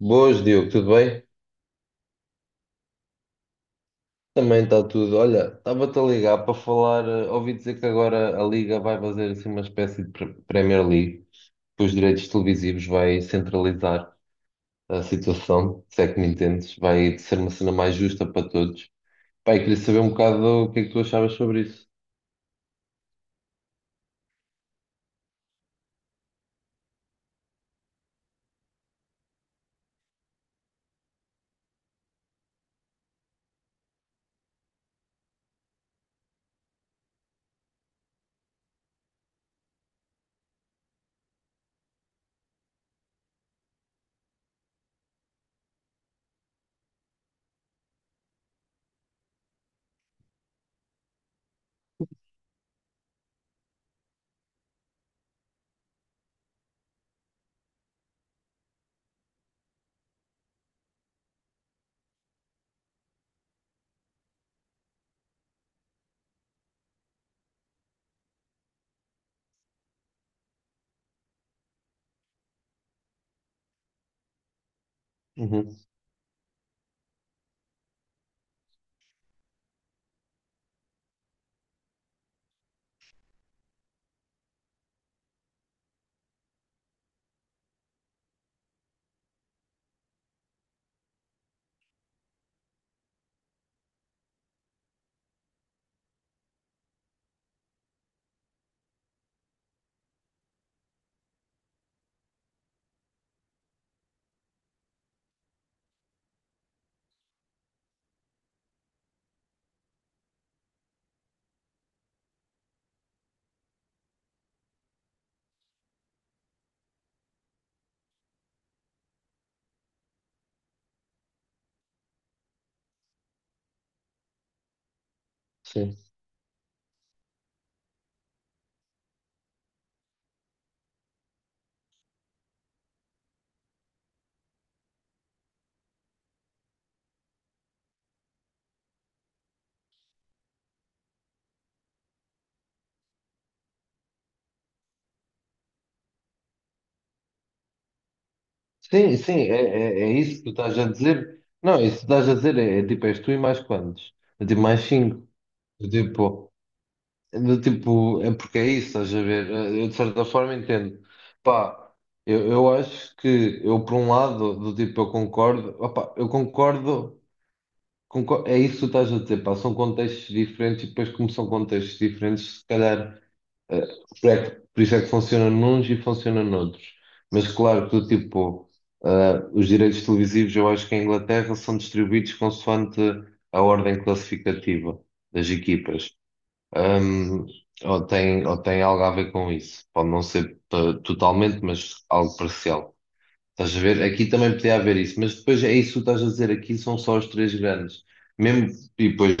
Boas, Diogo, tudo bem? Também está tudo. Olha, estava-te a ligar para falar. Ouvi dizer que agora a Liga vai fazer assim uma espécie de Premier League, que os direitos televisivos vai centralizar a situação, se é que me entendes. Vai ser uma cena mais justa para todos. Pai, queria saber um bocado o que é que tu achavas sobre isso. Uhum. Sim. Sim, sim, é isso que tu estás a dizer. Não, isso que tu estás a dizer é, é tipo, és tu e mais quantos? É tipo, mais cinco. Eu digo, do tipo, é porque é isso, estás a ver? Eu de certa forma entendo. Pá, eu acho que eu por um lado, do tipo, eu concordo, opá, eu concordo, é isso que tu estás a dizer, pá, são contextos diferentes e depois como são contextos diferentes, se calhar, eh, por isso é que funciona nuns e funciona noutros. Mas claro que do tipo, eh, os direitos televisivos eu acho que em Inglaterra são distribuídos consoante a ordem classificativa das equipas. Hum, ou tem algo a ver com isso. Pode não ser totalmente, mas algo parcial. Estás a ver? Aqui também podia haver isso, mas depois é isso que tu estás a dizer. Aqui são só os três grandes. Mesmo, e depois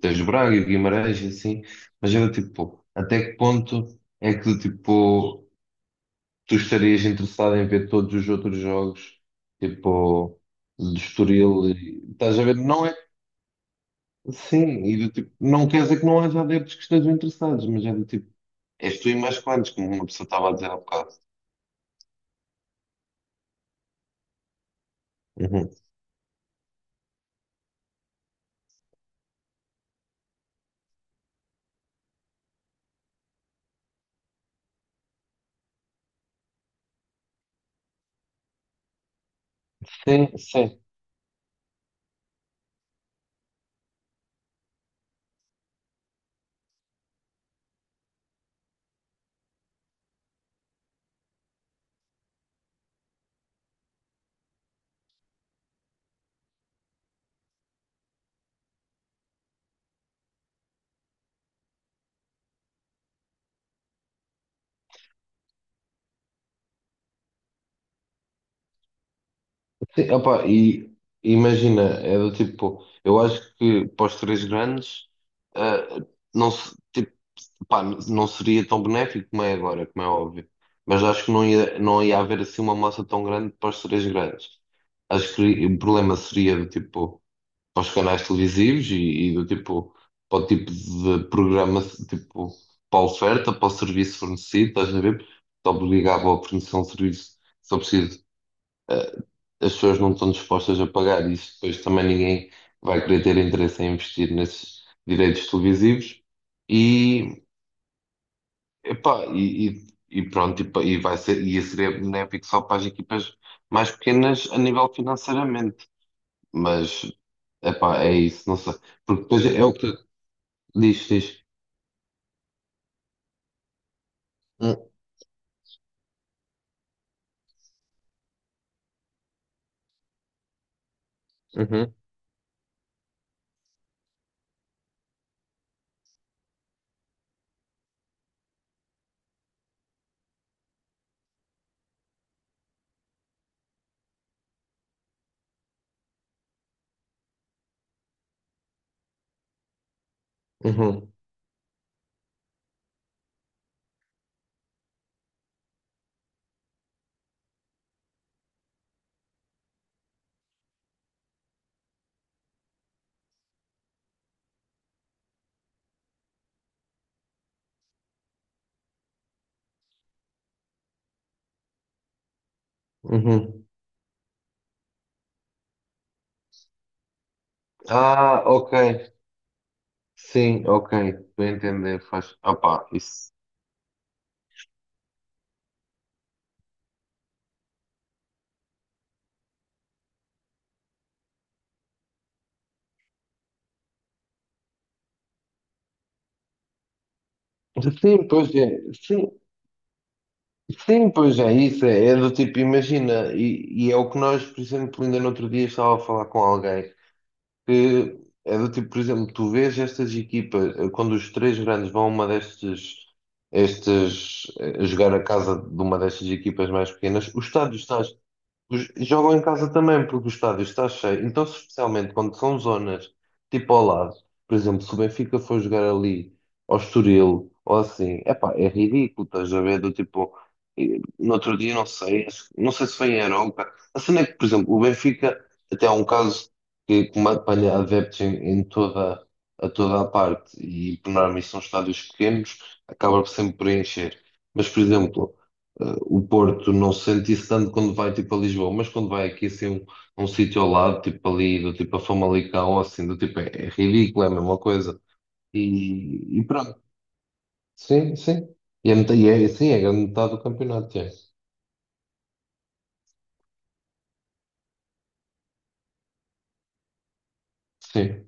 tens o Braga e o Guimarães e assim. Mas era tipo, até que ponto é que tipo, tu estarias interessado em ver todos os outros jogos? Tipo, do Estoril. Estás a ver? Não é. Sim, e do tipo, não quer dizer que não haja adeptos que estejam interessados, mas é do tipo. És tu e mais quantos, como uma pessoa estava a dizer há bocado. Uhum. Sim, sim. Sim, opa, e imagina, é do tipo, eu acho que para os três grandes, ah, não, tipo, pá, não seria tão benéfico como é agora, como é óbvio. Mas acho que não ia haver assim uma massa tão grande para os três grandes. Acho que o problema seria do tipo, para os canais televisivos e do tipo, para o tipo de programa, tipo, para a oferta, para o serviço fornecido, estás a ver? Te obrigava a fornecer um serviço só preciso. eh, As pessoas não estão dispostas a pagar isso, depois também ninguém vai querer ter interesse em investir nesses direitos televisivos e, epá, e pronto, e vai ser, e isso seria benéfico só para as equipas mais pequenas a nível financeiramente, mas epá, é isso, não sei. Porque depois é o que. Diz, diz. Hum. Uhum, uhum, uhum. Ah, ok. Sim, ok. Estou a entender. Faz. Opá, isso. Sim, pois é. Sim, sim, pois é. Isso é, é do tipo, imagina. E é o que nós, por exemplo, ainda no outro dia estava a falar com alguém. Que é do tipo, por exemplo, tu vês estas equipas, quando os três grandes vão a uma destes. Estes, jogar a casa de uma destas equipas mais pequenas, o estádio está. Jogam em casa também, porque o estádio está cheio. Então, se especialmente quando são zonas tipo ao lado, por exemplo, se o Benfica for jogar ali ao Estoril ou assim, epá, é ridículo, estás a ver? Do tipo, no outro dia, não sei, não sei se foi em Arouca. A cena é que, por exemplo, o Benfica até há um caso que apanha adeptos em, em toda, a toda a parte e, por norma, isso são estádios pequenos, acaba sempre por encher. Mas, por exemplo. O Porto não se sente isso tanto quando vai tipo a Lisboa, mas quando vai aqui assim um, um sítio ao lado, tipo ali, do tipo a Famalicão, ou assim, do tipo é, é ridículo, é a mesma coisa. E, e pronto, sim, sim. E é, e é, sim, é a grande metade do campeonato, é. Sim.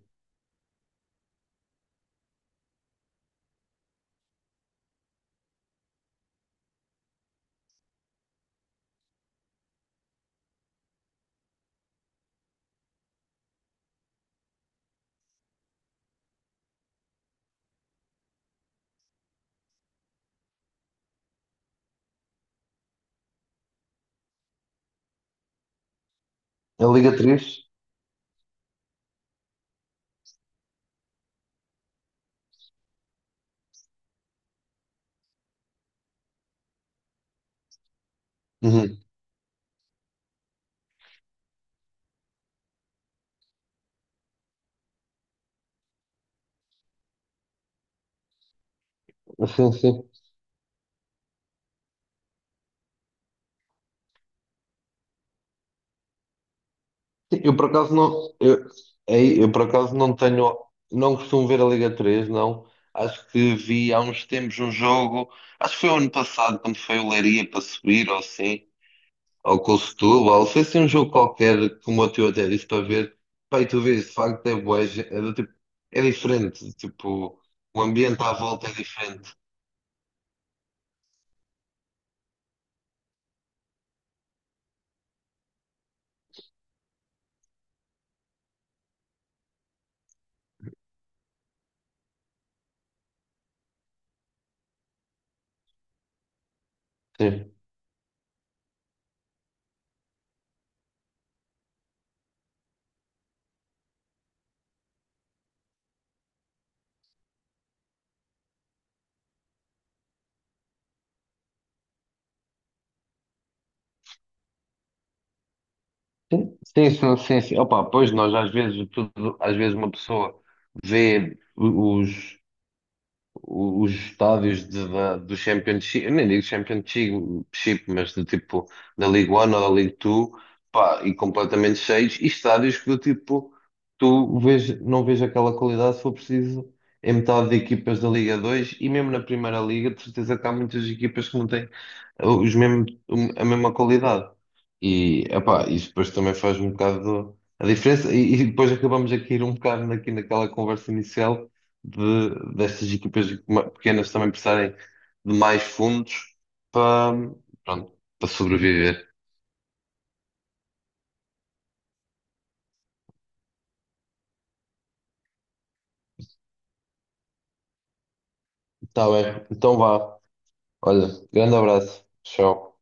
A Liga 3. Uhum. Sim, sim. Sim, eu por acaso não, eu, aí, eu por acaso não tenho, não costumo ver a Liga 3 não. Acho que vi há uns tempos um jogo, acho que foi o ano passado, quando foi o Leiria para subir ou assim, ao Costulo, ou sei se é um jogo qualquer, como o teu até disse para ver, pá, e tu vês, de facto é bué, é, do tipo, é diferente, tipo, o ambiente à volta é diferente. Sim, sim, sim, sim, sim, sim. Opa, pois nós às vezes, tudo, às vezes uma pessoa vê os, os estádios do Championship, eu nem digo Championship, mas do tipo da League One ou da League Two, pá, e completamente cheios, e estádios que do tipo tu vês, não vês aquela qualidade se for preciso em metade de equipas da Liga 2 e mesmo na Primeira Liga, de certeza que há muitas equipas que não têm os mesmo, a mesma qualidade. E epá, isso depois também faz um bocado a diferença, e depois acabamos aqui ir um bocado aqui naquela conversa inicial de, destas equipas pequenas também precisarem de mais fundos para, pronto, para sobreviver. Tá bem, então vá. Olha, grande abraço. Tchau.